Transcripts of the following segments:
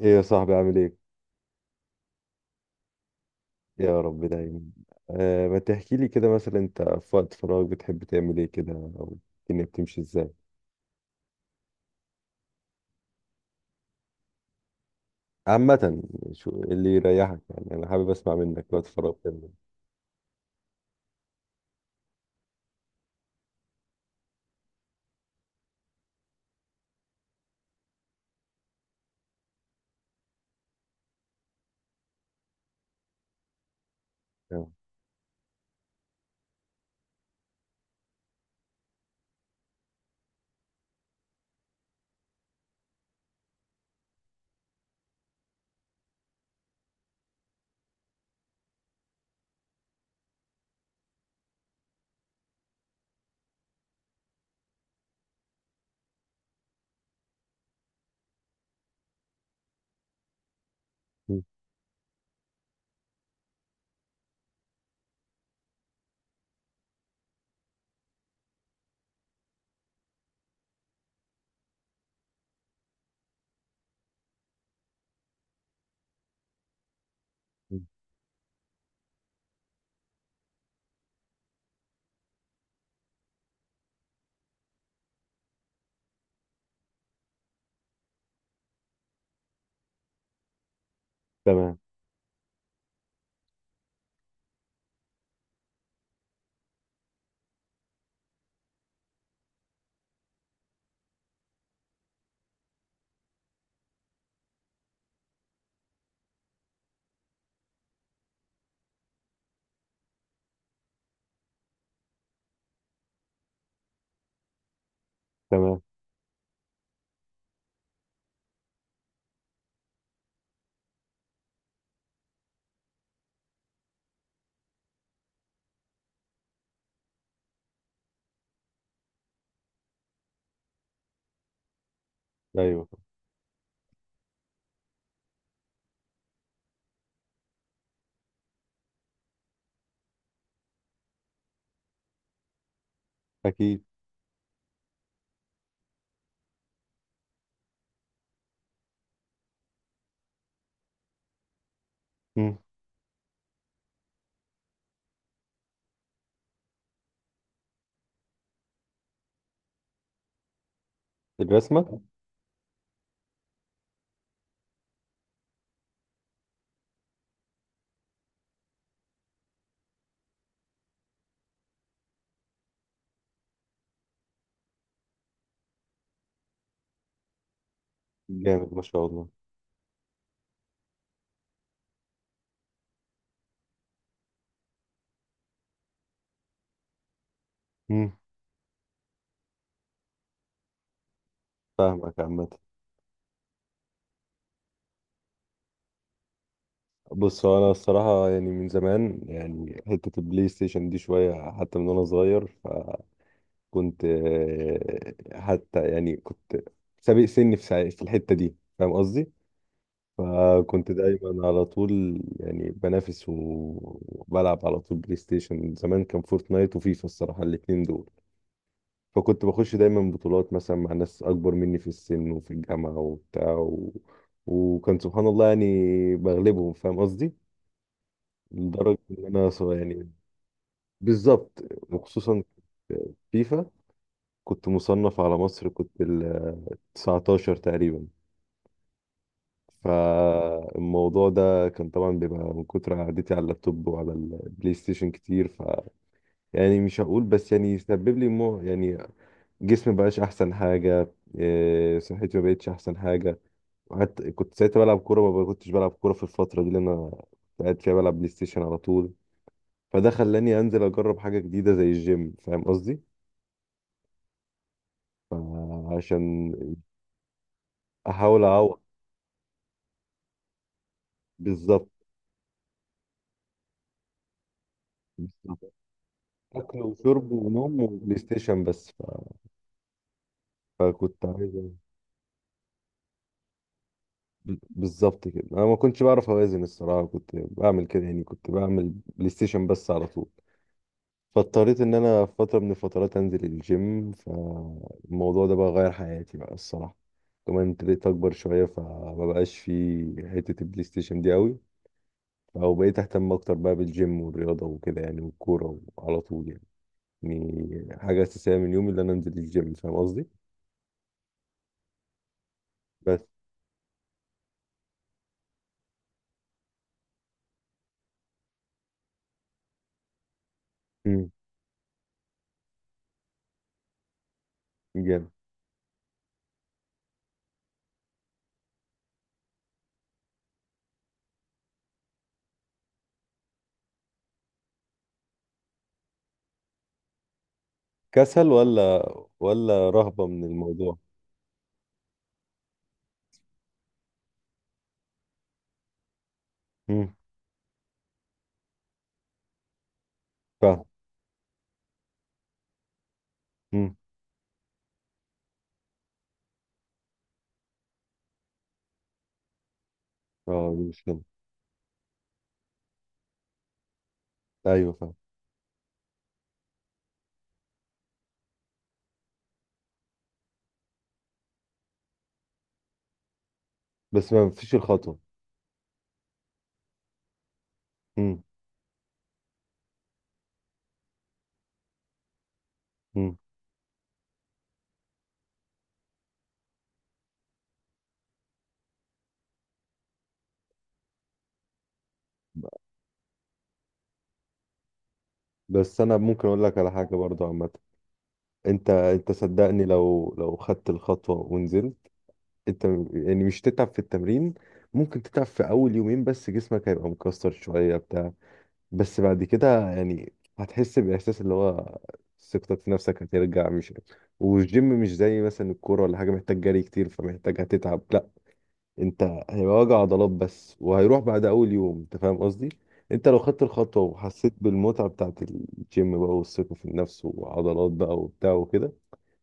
ايه يا صاحبي عامل ايه؟ يا رب دايما. ما تحكي لي كده، مثلا انت في وقت فراغ بتحب تعمل ايه كده، او الدنيا بتمشي ازاي؟ عامة شو اللي يريحك؟ يعني انا حابب اسمع منك، وقت فراغ بتعمل إيه. آه. م- م. تمام تمام. ايوه اكيد. م. الرسمة. جامد ما شاء الله. م. فاهمك. عامة بص، هو انا الصراحة يعني من زمان، يعني حتة البلاي ستيشن دي شوية حتى، من وانا صغير كنت حتى يعني كنت سابق سني في في الحتة دي، فاهم قصدي؟ فكنت دايما على طول يعني بنافس وبلعب على طول بلاي ستيشن. زمان كان فورتنايت وفيفا الصراحة، الاتنين دول. فكنت بخش دايما بطولات مثلا مع ناس أكبر مني في السن وفي الجامعة وبتاع و... وكان سبحان الله يعني بغلبهم، فاهم قصدي؟ لدرجة إن أنا يعني بالظبط. وخصوصا فيفا كنت مصنف على مصر، كنت 19 تقريبا. فالموضوع ده كان طبعا بيبقى من كتر قعدتي على اللابتوب وعلى البلاي ستيشن كتير، ف يعني مش هقول بس يعني سبب لي مو يعني جسمي مبقاش احسن حاجه، إيه، صحتي ما بقتش احسن حاجه. وحتى كنت ساعتها بلعب كوره، ما كنتش بلعب كوره في الفتره دي اللي انا قاعد فيها بلعب بلاي ستيشن على طول. فده خلاني انزل اجرب حاجه جديده زي الجيم، فاهم قصدي؟ عشان احاول اعوض. بالظبط بالظبط. اكل وشرب ونوم وبلاي ستيشن بس. فكنت عايز بالظبط كده. انا ما كنتش بعرف اوازن الصراحه، كنت بعمل كده يعني كنت بعمل بلاي ستيشن بس على طول. فاضطريت ان انا في فتره من الفترات انزل الجيم، فالموضوع ده بقى غير حياتي بقى الصراحه. كمان ابتديت اكبر شويه، فما بقاش في حته البلاي ستيشن دي قوي، او بقيت اهتم اكتر بقى بالجيم والرياضه وكده يعني، والكوره على طول يعني. يعني حاجه اساسيه من يومي ان انا انزل الجيم، فاهم قصدي؟ بس امم، كسل ولا ولا رهبة من الموضوع؟ امم. فاهم. امم. اه دي مشكلة. ايوه فاهم. بس ما فيش الخطوة. امم. امم. بس انا ممكن اقول لك على حاجة برضه. عامة انت، انت صدقني، لو لو خدت الخطوة ونزلت، يعني مش تتعب في التمرين. ممكن تتعب في اول يومين، بس جسمك هيبقى مكسر شوية، بس بعد كده يعني هتحس بإحساس اللي هو ثقتك في نفسك هترجع، مش. والجيم مش زي مثلا الكورة ولا حاجة، محتاج جري كتير فمحتاج هتتعب، لا. انت هيبقى وجع عضلات بس، وهيروح بعد أول يوم، انت فاهم قصدي؟ انت لو خدت الخطوة وحسيت بالمتعة بتاعت الجيم بقى، والثقة في النفس وعضلات بقى وبتاع وكده،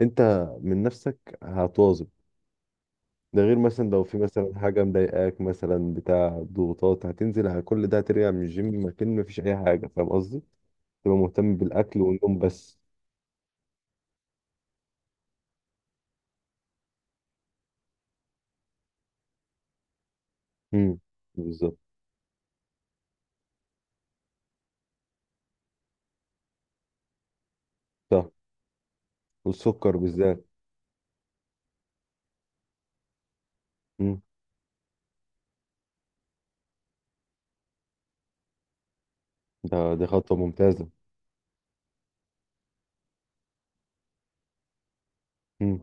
انت من نفسك هتواظب. ده غير مثلا لو في مثلا حاجة مضايقاك مثلا بتاع ضغوطات، هتنزل على كل ده، هترجع من الجيم مكان مفيش أي حاجة، فاهم قصدي؟ تبقى مهتم بالاكل والنوم بس. امم، بالظبط. صح، والسكر بالذات. امم. ده دي خطوه ممتازه. امم.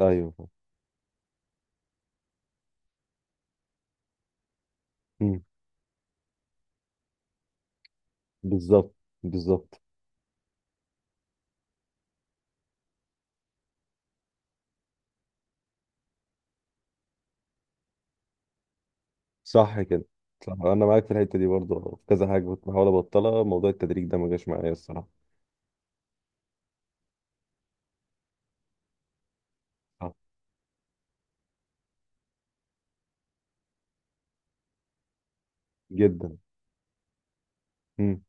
ايوه. امم. بالظبط بالظبط. صح كده. صح انا معاك في الحته دي، برضه في كذا حاجه كنت بحاول ابطلها، موضوع التدريج ده ما جاش معايا الصراحه. صح. جدا. امم.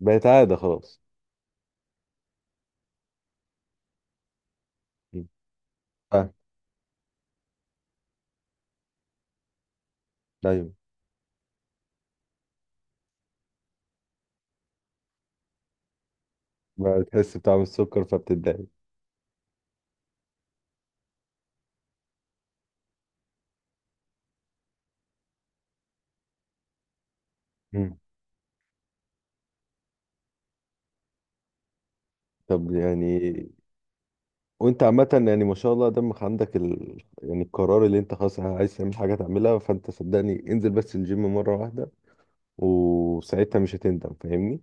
بقت عاده خلاص. امم. آه. ايوه بقى بتحس بطعم السكر فبتتضايق. امم. طب يعني وانت عامة يعني ما شاء الله دمك عندك ال... يعني القرار اللي انت خلاص عايز تعمل حاجة تعملها، فانت صدقني انزل بس الجيم مرة واحدة، وساعتها مش هتندم، فاهمني؟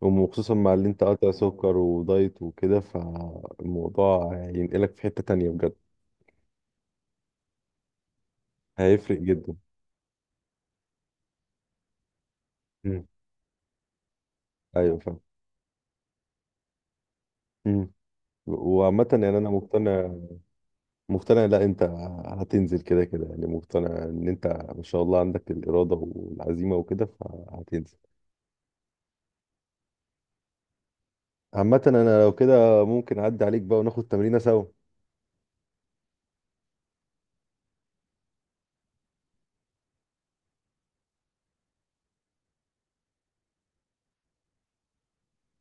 وخصوصا مع اللي انت قاطع سكر ودايت وكده، فالموضوع هينقلك في حتة تانية بجد. هيفرق جدا. مم. ايوه فاهم. مم. وعامة يعني انا مقتنع، مقتنع. لا انت هتنزل كده كده، يعني مقتنع ان انت ما شاء الله عندك الإرادة والعزيمة وكده، فهتنزل. عامة انا لو كده ممكن اعدي عليك بقى وناخد تمرينة سوا.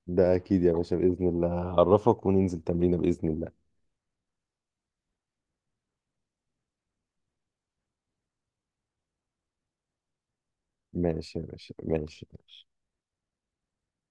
ده اكيد يا باشا، بإذن الله هعرفك وننزل تمرينة بإذن الله. ماشي يا باشا ماشي.